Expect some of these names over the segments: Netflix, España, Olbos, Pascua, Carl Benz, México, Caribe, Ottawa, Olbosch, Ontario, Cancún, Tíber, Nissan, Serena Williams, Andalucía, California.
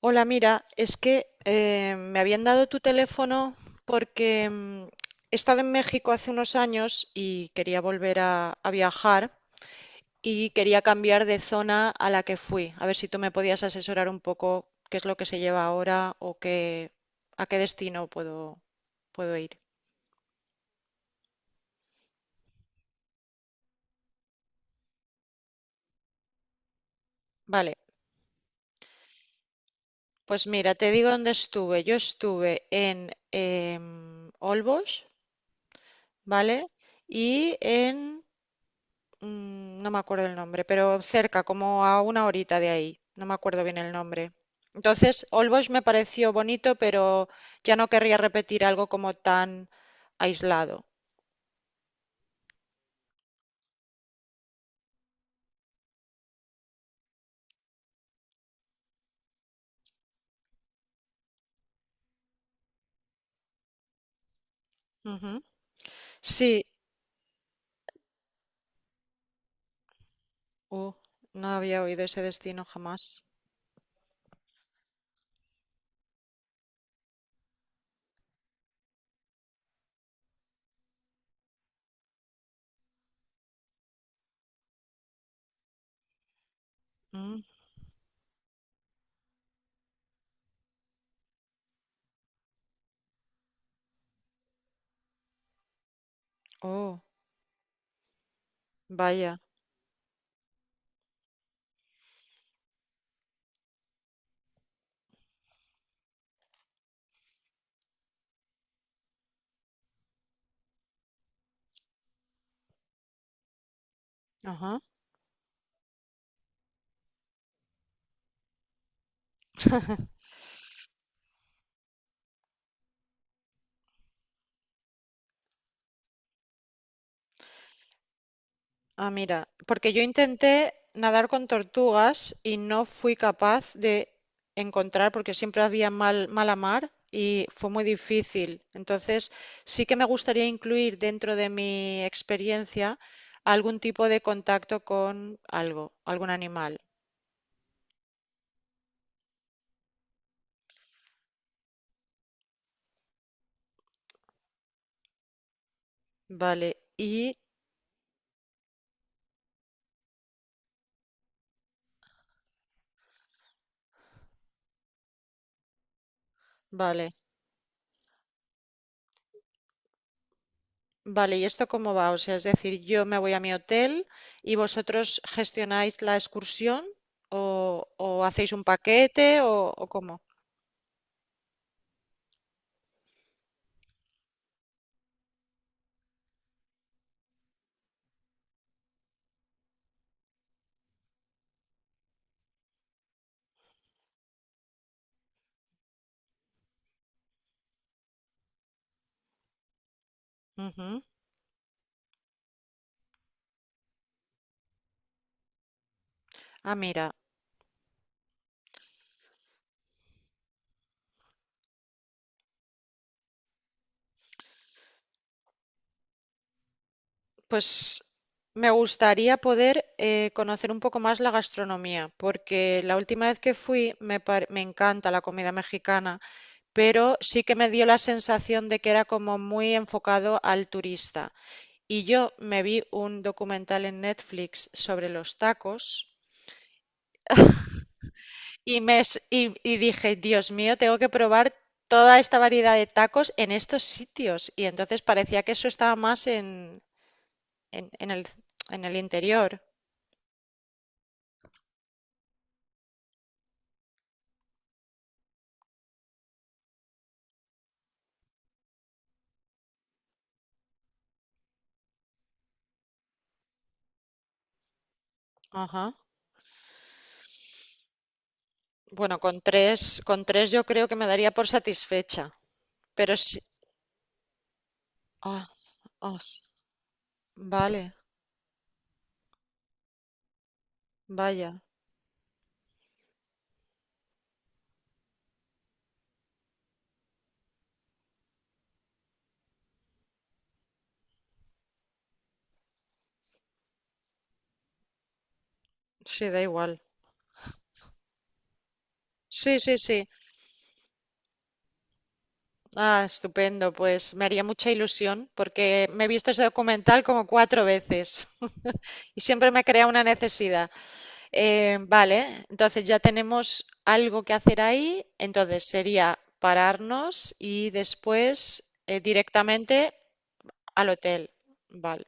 Hola, mira, es que me habían dado tu teléfono porque he estado en México hace unos años y quería volver a viajar y quería cambiar de zona a la que fui. A ver si tú me podías asesorar un poco qué es lo que se lleva ahora o qué, a qué destino puedo ir. Vale, pues mira, te digo dónde estuve. Yo estuve en Olbos, ¿vale? Y en no me acuerdo el nombre, pero cerca, como a una horita de ahí. No me acuerdo bien el nombre. Entonces, Olbosch me pareció bonito, pero ya no querría repetir algo como tan aislado. Ujú. Sí. Uh, no había oído ese destino jamás. Mm. Oh, vaya. Ajá. Ah, mira, porque yo intenté nadar con tortugas y no fui capaz de encontrar, porque siempre había mal, mala mar y fue muy difícil. Entonces, sí que me gustaría incluir dentro de mi experiencia algún tipo de contacto con algo, algún animal. Vale, y vale, vale, ¿y esto cómo va? O sea, es decir, yo me voy a mi hotel y vosotros gestionáis la excursión o hacéis un paquete o cómo. Ujú. Ah, mira, pues me gustaría poder conocer un poco más la gastronomía, porque la última vez que fui me encanta la comida mexicana, pero sí que me dio la sensación de que era como muy enfocado al turista. Y yo me vi un documental en Netflix sobre los tacos y dije, Dios mío, tengo que probar toda esta variedad de tacos en estos sitios. Y entonces parecía que eso estaba más en, en el, en el interior. Ajá. Bueno, con tres yo creo que me daría por satisfecha. Pero sí. Ah, ah, sí. Vale, vaya. Sí, da igual. Sí, sí, sí. Ah, estupendo. Pues me haría mucha ilusión porque me he visto ese documental como cuatro veces y siempre me crea una necesidad. Vale, entonces ya tenemos algo que hacer ahí. Entonces sería pararnos y después directamente al hotel, vale.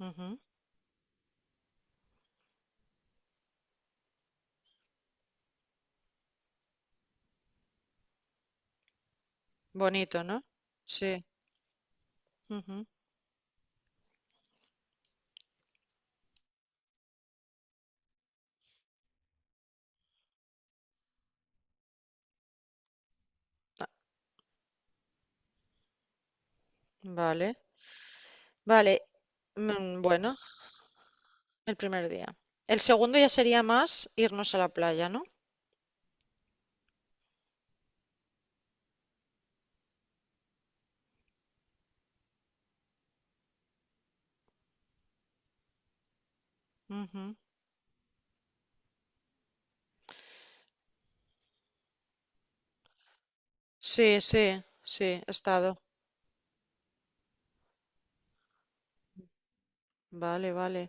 Ujú. Bonito, ¿no? Sí, ujú. Vale. Vale. Bueno, el primer día. El segundo ya sería más irnos a la playa, ¿no? Ujú. Sí, sí, sí, he estado. Vale, vale.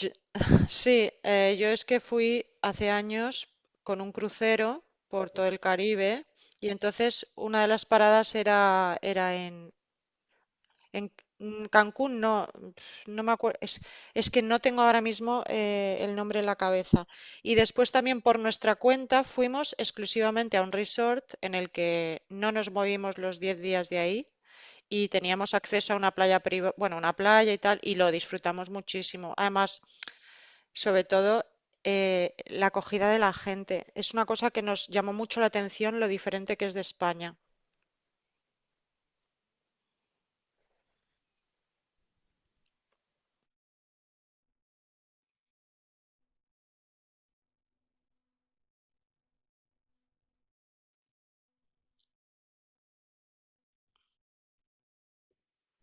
Yo- sí, yo es que fui hace años con un crucero por todo el Caribe y entonces una de las paradas era, era en… En Cancún no, no me acuerdo, es, es que no tengo ahora mismo el nombre en la cabeza. Y después también por nuestra cuenta fuimos exclusivamente a un resort en el que no nos movimos los 10 días de ahí y teníamos acceso a una bueno, una playa y tal, y lo disfrutamos muchísimo. Además, sobre todo, la acogida de la gente. Es una cosa que nos llamó mucho la atención lo diferente que es de España.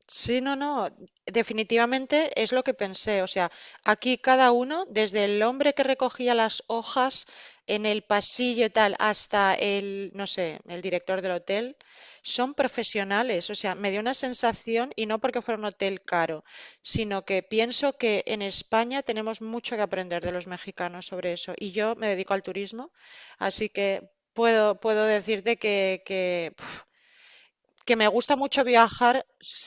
Sí, no, no, definitivamente es lo que pensé. O sea, aquí cada uno, desde el hombre que recogía las hojas en el pasillo y tal, hasta el, no sé, el director del hotel, son profesionales. O sea, me dio una sensación, y no porque fuera un hotel caro, sino que pienso que en España tenemos mucho que aprender de los mexicanos sobre eso. Y yo me dedico al turismo, así que puedo decirte que me gusta mucho viajar,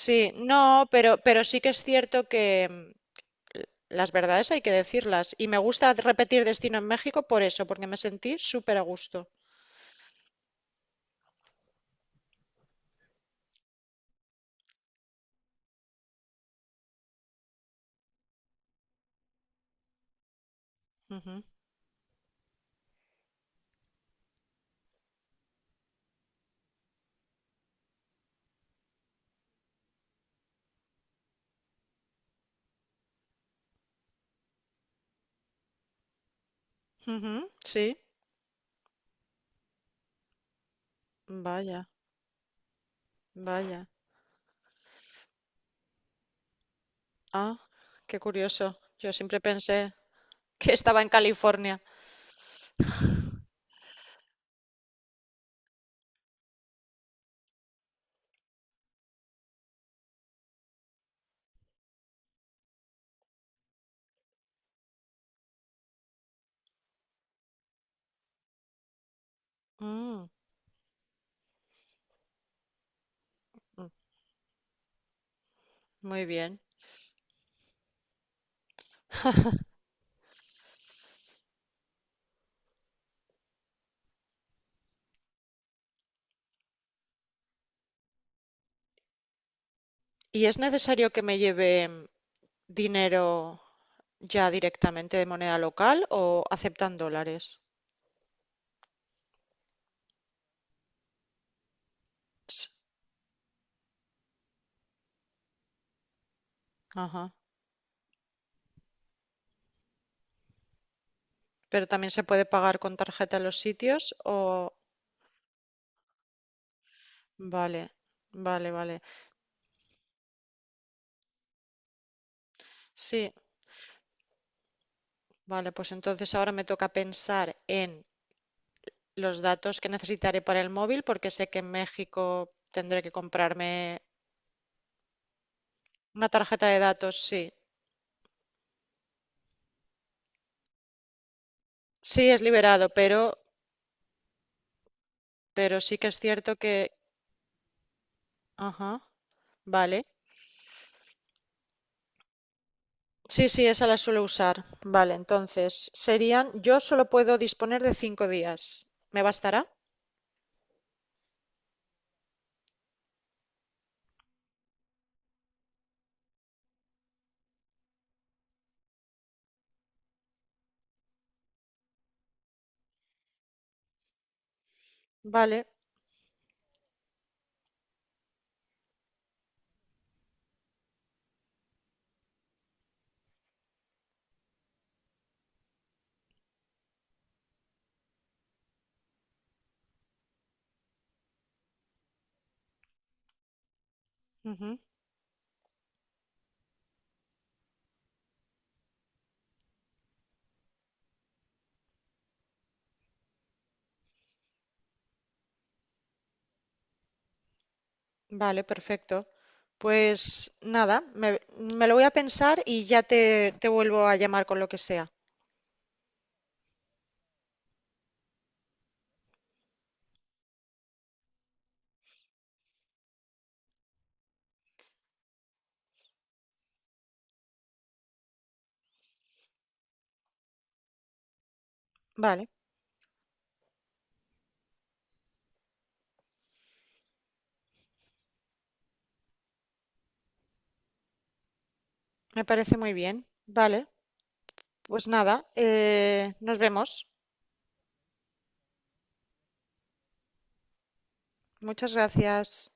sí, no, pero sí que es cierto que las verdades hay que decirlas. Y me gusta repetir destino en México por eso, porque me sentí súper a gusto. Ujú, ujú, sí, vaya, vaya. Ah, qué curioso. Yo siempre pensé que estaba en California. Mm, mm, muy bien. ¿Y es necesario que me lleve dinero ya directamente de moneda local o aceptan dólares? Ts. Ajá. Pero también se puede pagar con tarjeta en los sitios o… Vale, vale, vale. Sí, vale, pues entonces ahora me toca pensar en los datos que necesitaré para el móvil porque sé que en México tendré que comprarme una tarjeta de datos, sí. Sí, es liberado, pero sí que es cierto que… Ajá, vale. Sí, sí, esa la suelo usar. Vale, entonces serían… Yo solo puedo disponer de 5 días. ¿Me bastará? Vale, ujú. Vale, perfecto. Pues nada, me lo voy a pensar y ya te vuelvo a llamar con lo que sea. Vale, me parece muy bien. Vale, pues nada, nos vemos. Muchas gracias.